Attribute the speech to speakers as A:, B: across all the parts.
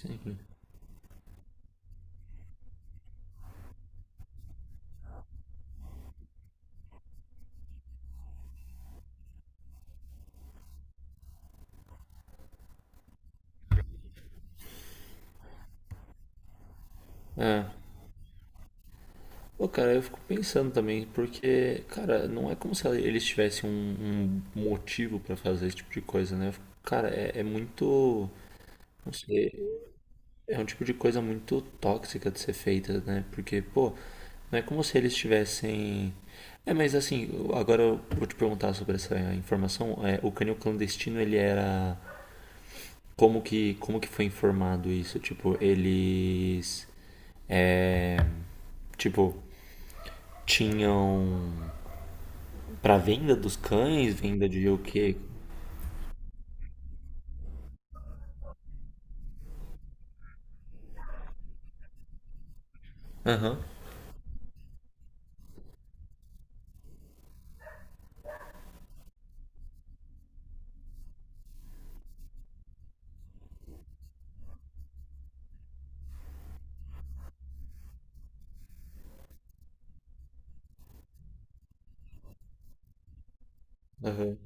A: Sempre. É. Pô, cara, eu fico pensando também, porque, cara, não é como se eles tivessem um motivo pra fazer esse tipo de coisa, né? Cara, é muito. Não sei. É um tipo de coisa muito tóxica de ser feita, né? Porque, pô, não é como se eles tivessem. Mas assim, agora eu vou te perguntar sobre essa informação. O canil clandestino, ele era. Como que foi informado isso? Tipo, eles. É, tipo, tinham pra venda dos cães, venda de o quê? Aham, aham.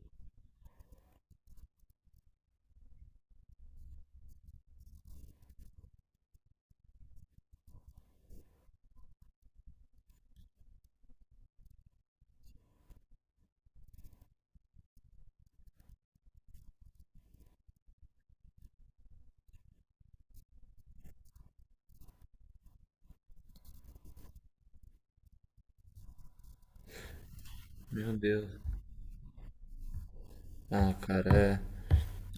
A: Meu Deus. Ah, cara,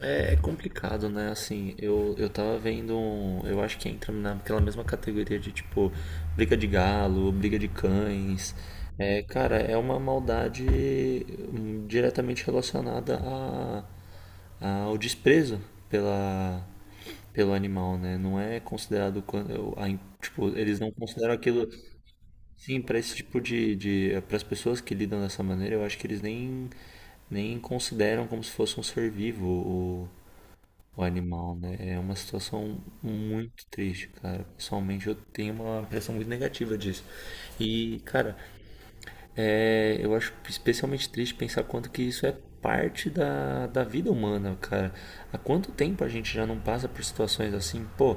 A: é complicado, né? Assim, eu tava vendo um, eu acho que entra naquela mesma categoria de tipo briga de galo, briga de cães. É, cara, é uma maldade diretamente relacionada ao desprezo pela pelo animal, né? Não é considerado tipo, eles não consideram aquilo. Sim, para esse tipo de para as pessoas que lidam dessa maneira, eu acho que eles nem consideram como se fosse um ser vivo o animal, né? É uma situação muito triste, cara. Pessoalmente, eu tenho uma impressão muito negativa disso. E, cara, é, eu acho especialmente triste pensar quanto que isso é parte da vida humana, cara. Há quanto tempo a gente já não passa por situações assim, pô?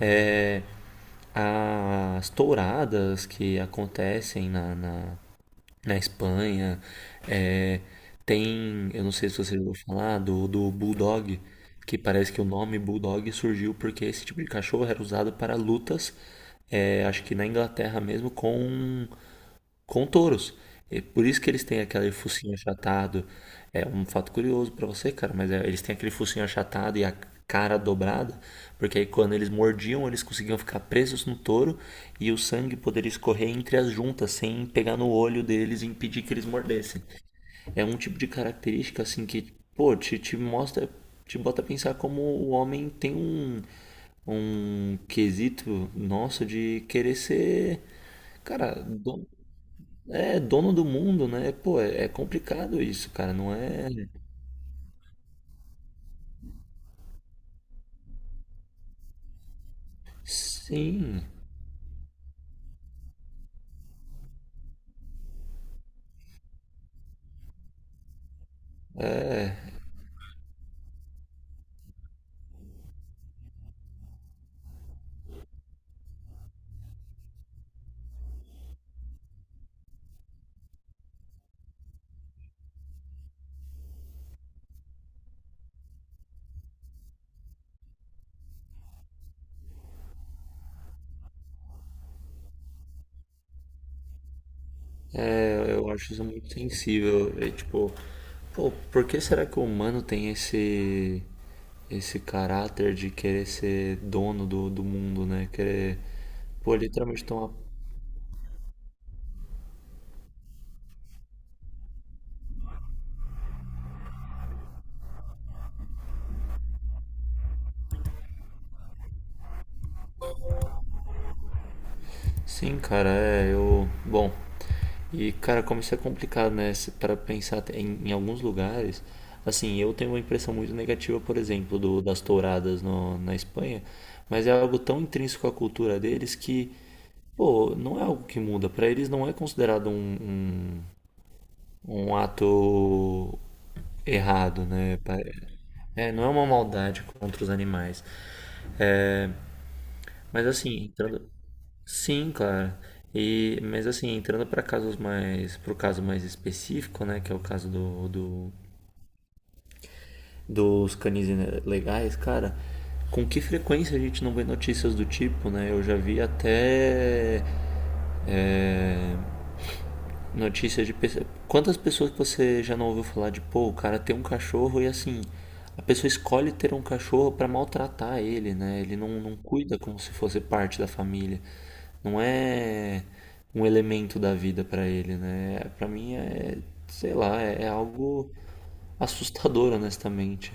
A: É, as touradas que acontecem na Espanha. É, tem, eu não sei se você já ouviu falar, do Bulldog, que parece que o nome Bulldog surgiu porque esse tipo de cachorro era usado para lutas, é, acho que na Inglaterra mesmo, com touros. É por isso que eles têm aquele focinho achatado. É um fato curioso pra você, cara, mas é, eles têm aquele focinho achatado e a cara dobrada, porque aí quando eles mordiam, eles conseguiam ficar presos no touro e o sangue poderia escorrer entre as juntas sem pegar no olho deles e impedir que eles mordessem. É um tipo de característica assim que, pô, te mostra, te bota a pensar como o homem tem um quesito nosso de querer ser, cara, dono, é, dono do mundo, né? Pô, é complicado isso, cara, não é? Sim, é, eu acho isso muito sensível. É tipo, pô, por que será que o humano tem esse caráter de querer ser dono do mundo, né? Querer, pô, literalmente tomar. Sim, cara, é, eu. Bom, e cara, como isso é complicado, né? Pra pensar em alguns lugares, assim, eu tenho uma impressão muito negativa, por exemplo, das touradas no, na Espanha, mas é algo tão intrínseco à cultura deles que, pô, não é algo que muda. Pra eles não é considerado um ato errado, né? É, não é uma maldade contra os animais. Mas assim, entrando. Sim, claro. E, mas assim, entrando para casos mais, pro caso mais específico, né, que é o caso dos canis legais, cara, com que frequência a gente não vê notícias do tipo, né? Eu já vi até é, notícias de pessoa. Quantas pessoas que você já não ouviu falar de, pô, o cara tem um cachorro e assim, a pessoa escolhe ter um cachorro pra maltratar ele, né? Ele não cuida como se fosse parte da família. Não é um elemento da vida pra ele, né? Pra mim é, sei lá, é algo assustador, honestamente.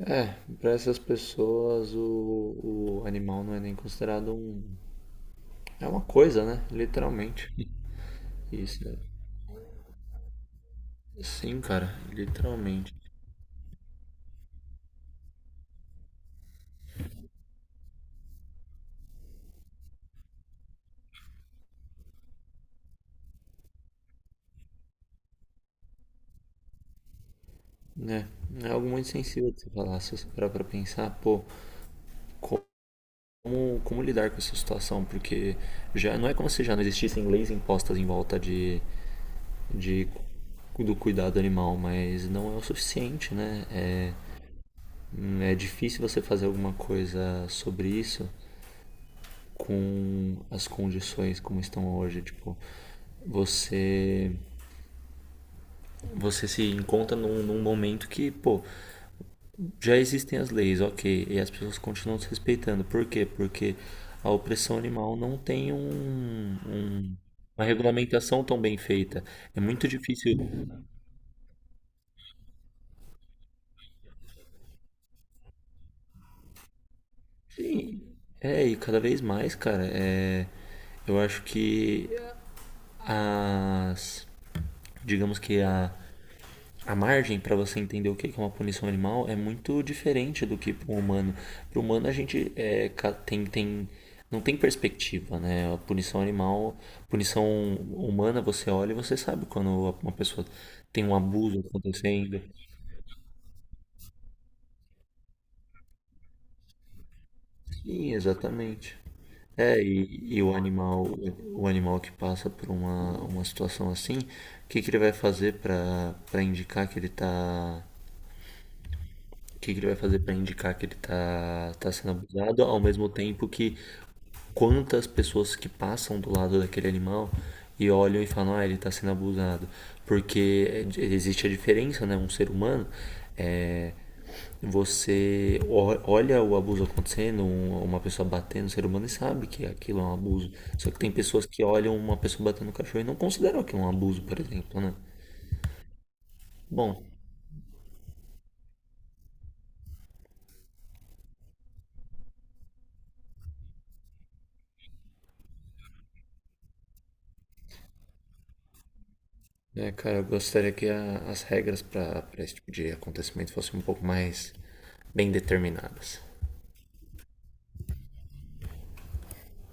A: É, pra essas pessoas o animal não é nem considerado um. É uma coisa, né? Literalmente. Isso, né? Sim, cara, literalmente. Né, é algo muito sensível de se falar, se você parar pra pensar, pô, como lidar com essa situação? Porque já não é como se já não existissem leis impostas em volta de, do cuidado animal, mas não é o suficiente, né? É, é difícil você fazer alguma coisa sobre isso com as condições como estão hoje, tipo, você você se encontra num momento que, pô, já existem as leis, ok, e as pessoas continuam se respeitando. Por quê? Porque a opressão animal não tem uma regulamentação tão bem feita. É muito difícil. Sim, é, e cada vez mais, cara, é, eu acho que as, digamos que a margem para você entender o que é uma punição animal é muito diferente do que para o humano. Para o humano a gente é, tem, não tem perspectiva, né? A punição animal, punição humana você olha e você sabe quando uma pessoa tem um abuso acontecendo. Sim, exatamente. É, e o animal que passa por uma situação assim, o que que ele vai fazer para indicar que ele está. O que que ele vai fazer para indicar que ele tá sendo abusado, ao mesmo tempo que quantas pessoas que passam do lado daquele animal e olham e falam, ah, ele tá sendo abusado. Porque é, existe a diferença, né? Um ser humano, é, olha o abuso acontecendo, uma pessoa batendo no ser humano e sabe que aquilo é um abuso. Só que tem pessoas que olham uma pessoa batendo no cachorro e não consideram aquilo um abuso, por exemplo, né? Bom, é, cara, eu gostaria que as regras para esse tipo de acontecimento fossem um pouco mais bem determinadas.